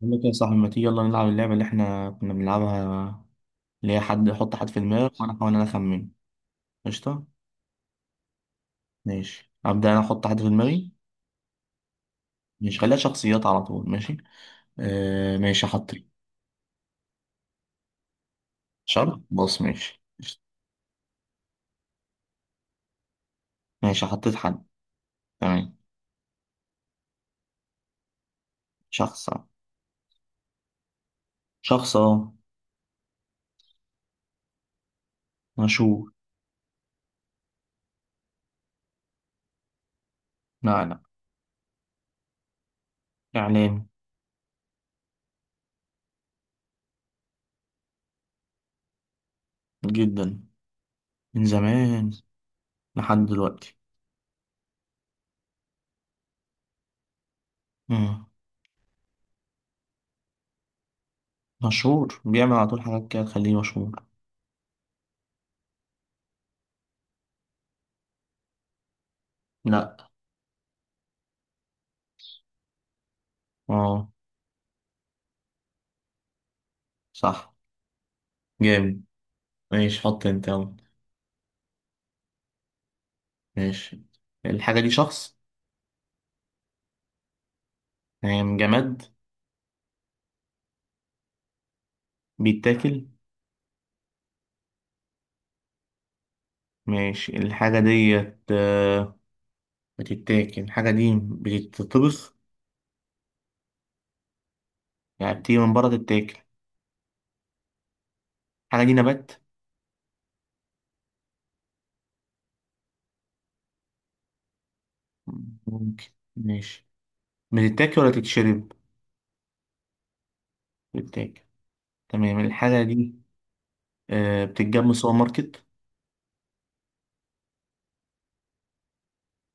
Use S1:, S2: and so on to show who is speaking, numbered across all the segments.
S1: بقول لك يا صاحبي، ما تيجي يلا نلعب اللعبة اللي احنا كنا بنلعبها، اللي هي حد يحط حد في دماغك وانا احاول انا اخمن. قشطة. ماشي، ابدأ انا احط حد في دماغي. مش، خليها شخصيات على طول، ماشي. آه ماشي، حطيت. شرط، بص، ماشي، قشطة. ماشي، حطيت حد. تمام. شخص أهو. شخص، اه. مشهور. لا لا. اعلامي. جدا. من زمان لحد دلوقتي. مم. مشهور بيعمل على طول حاجات كده تخليه مشهور. لا. اه صح، جامد. ماشي، حط انت، يلا. ماشي، الحاجة دي شخص؟ تمام. جماد، بيتاكل. ماشي، الحاجة ديت، بتتاكل الحاجة دي، بتتطبخ؟ يعني بتيجي من بره تتاكل؟ الحاجة دي نبات. ممكن. ماشي، بتتاكل ولا تتشرب؟ بتتاكل. تمام، الحاجة دي، بتتجاب من السوبر ماركت.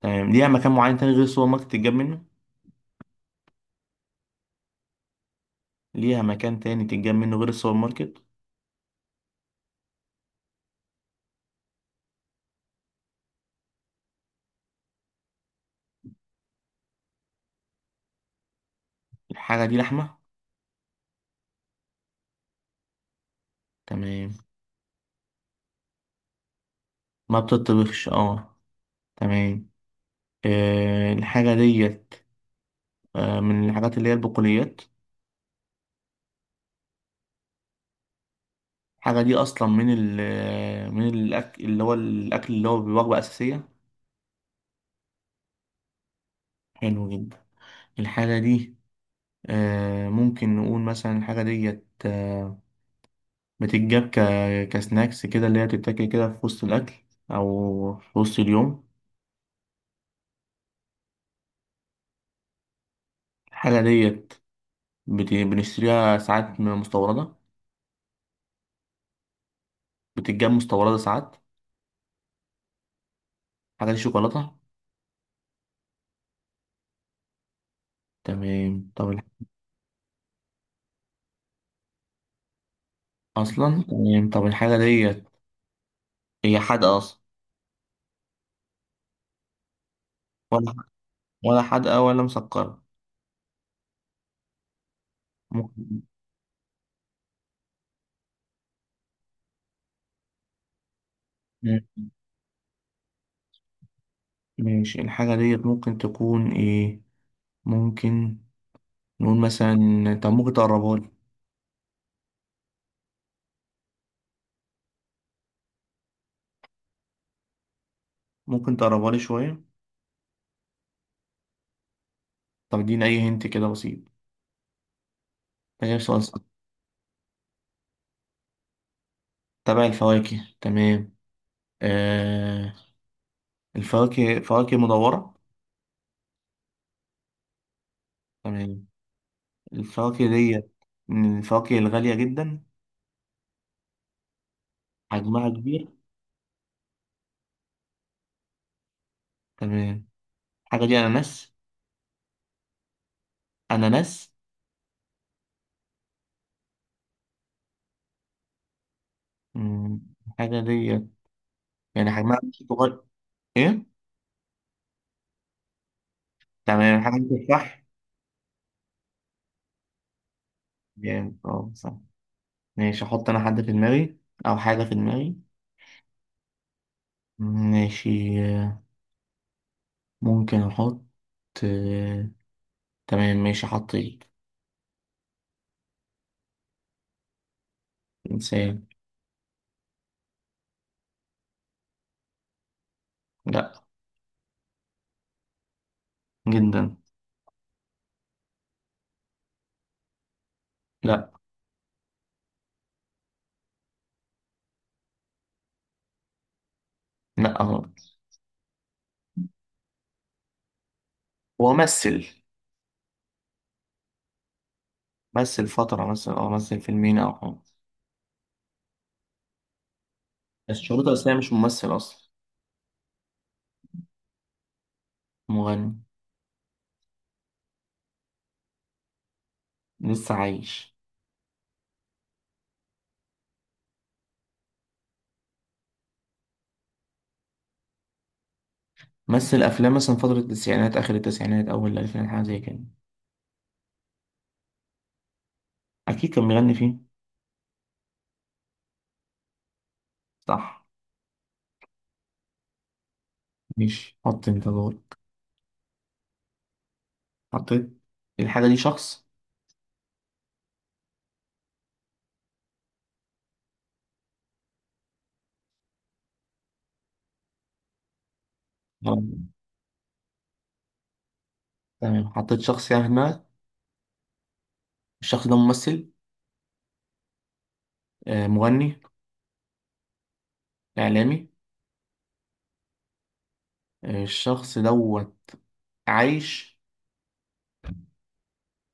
S1: تمام، ليها مكان معين تاني غير السوبر ماركت تتجاب منه؟ ليها مكان تاني تتجاب منه غير السوبر ماركت. الحاجة دي لحمة؟ تمام. ما بتتطبخش، اه. تمام. الحاجة ديت، من الحاجات اللي هي البقوليات. الحاجة دي أصلا من ال، من الأكل اللي هو الأكل اللي هو بوجبة أساسية. حلو جدا. الحاجة دي، ممكن نقول مثلا الحاجة ديت، بتتجاب كسناكس كده، اللي هي بتتاكل كده في وسط الأكل أو في وسط اليوم. الحاجة ديت، بنشتريها ساعات من مستوردة. بتتجاب مستوردة ساعات. الحاجة دي شوكولاتة؟ تمام، أصلا، تمام، طب الحاجة ديت هي حادقة أصلا؟ ولا حادقة ولا مسكرة؟ ممكن. ماشي، الحاجة ديت ممكن تكون ايه؟ ممكن نقول مثلا، طب ممكن تقربها لي؟ ممكن تقربها لي شوية؟ طب اديني أي هنت كده بسيط، ده غير سؤال صعب. تبع الفواكه، تمام. آه، الفواكه فواكه مدورة. تمام، الفواكه ديت من الفواكه الغالية جدا. حجمها كبير. تمام، الحاجة دي أناناس؟ أناناس. مم، الحاجة ديت يعني حجمها مش صغير. إيه؟ تمام، الحاجة دي تفاح؟ جامد، اه صح. ماشي، احط انا حد في دماغي، او حاجة في دماغي. ماشي، ممكن احط، آه، تمام، ماشي، حطيت. انسان. لا. جدا. لا لا غلط. هو مثل. مثل فترة مثلا، او مثل فيلمين او حاجة. بس شريط أساسية مش ممثل اصلا. مغني. لسه عايش. مثل افلام مثلا فترة التسعينات، اخر التسعينات، اول الالفينات، حاجة زي كده. اكيد كان بيغني فيه. صح. ماشي، حط انت دورك. حطيت. الحاجة دي شخص؟ آه. تمام، حطيت شخص يعني في دماغك. الشخص ده ممثل؟ مغني؟ إعلامي؟ الشخص دوت عايش؟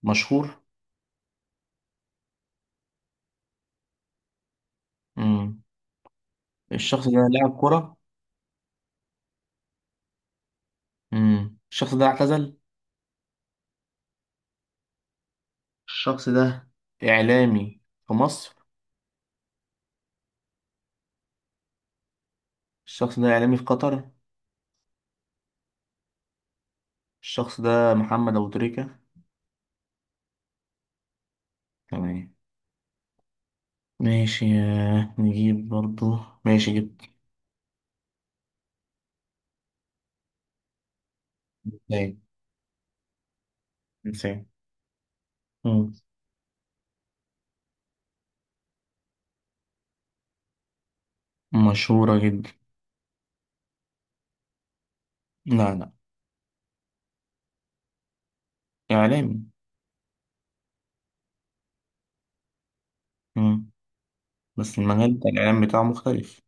S1: مشهور؟ مم. الشخص ده لاعب كرة؟ مم. الشخص ده اعتزل؟ الشخص ده إعلامي في مصر؟ الشخص ده إعلامي في قطر؟ الشخص ده محمد أبو تريكة؟ تمام. ماشي، نجيب برضو. ماشي، جبت. إنسان. إنسان. مم. مشهورة جدا. لا لا. إعلامي. مم. بس المجال بتاع الإعلام بتاعه مختلف.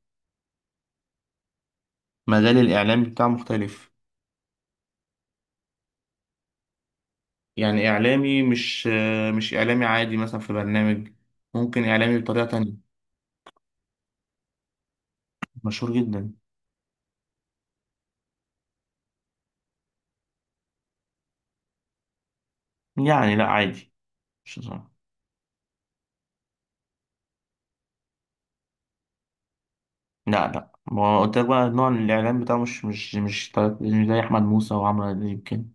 S1: مجال الإعلام بتاعه مختلف. يعني إعلامي مش، إعلامي عادي مثلا في برنامج. ممكن إعلامي بطريقة تانية. مشهور جدا. يعني لا، عادي، مش صعب. لا لا، ما قلت لك بقى نوع الإعلام بتاعه مش مش زي أحمد موسى وعمرو أديب يمكن.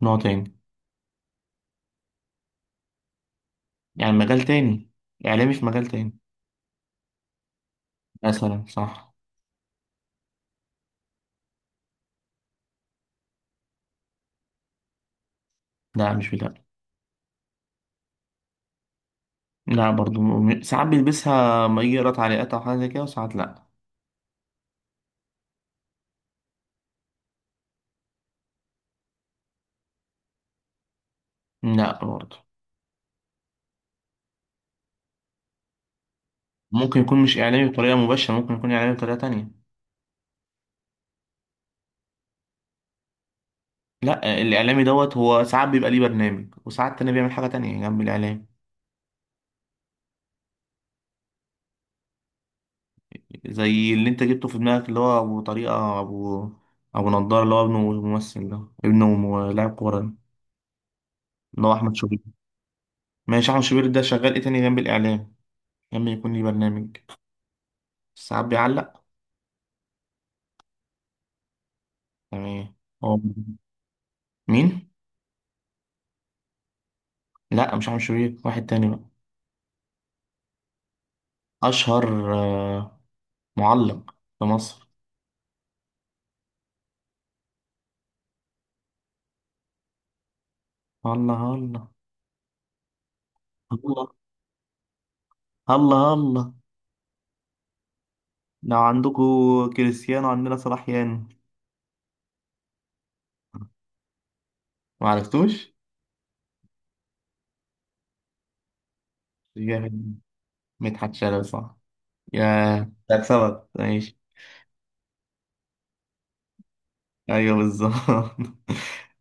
S1: نوع تاني. يعني مجال تاني، إعلامي في مجال تاني. مثلا صح. لا مش بتاع. لا برضو، ساعات بيلبسها ما يجي يقرا تعليقات أو حاجة زي كده، وساعات لا. لا برضو. ممكن يكون مش إعلامي بطريقة مباشرة، ممكن يكون إعلامي بطريقة تانية. لا، الاعلامي دوت هو ساعات بيبقى ليه برنامج، وساعات تاني بيعمل حاجه تانية جنب الاعلام. زي اللي انت جبته في دماغك، اللي هو ابو طريقه، ابو نضاره، اللي هو ابنه ممثل، ده ابنه لاعب كوره ده، اللي هو احمد شوبير. ماشي، احمد شوبير ده شغال ايه تاني جنب الاعلام؟ لما يكون ليه برنامج، ساعات بيعلق. تمام. هو مين؟ لا مش احمد شوبير، واحد تاني بقى. اشهر، معلق في مصر. الله الله. الله الله الله. لو عندكم كريستيانو، عندنا صلاح يانو. ما عرفتوش. جامد، مدحت شلبي صح. يا، هكسبك ماشي. ايوه بالظبط.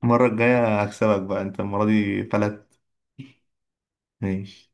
S1: المرة الجاية هكسبك بقى، انت المرة دي فلت. ماشي.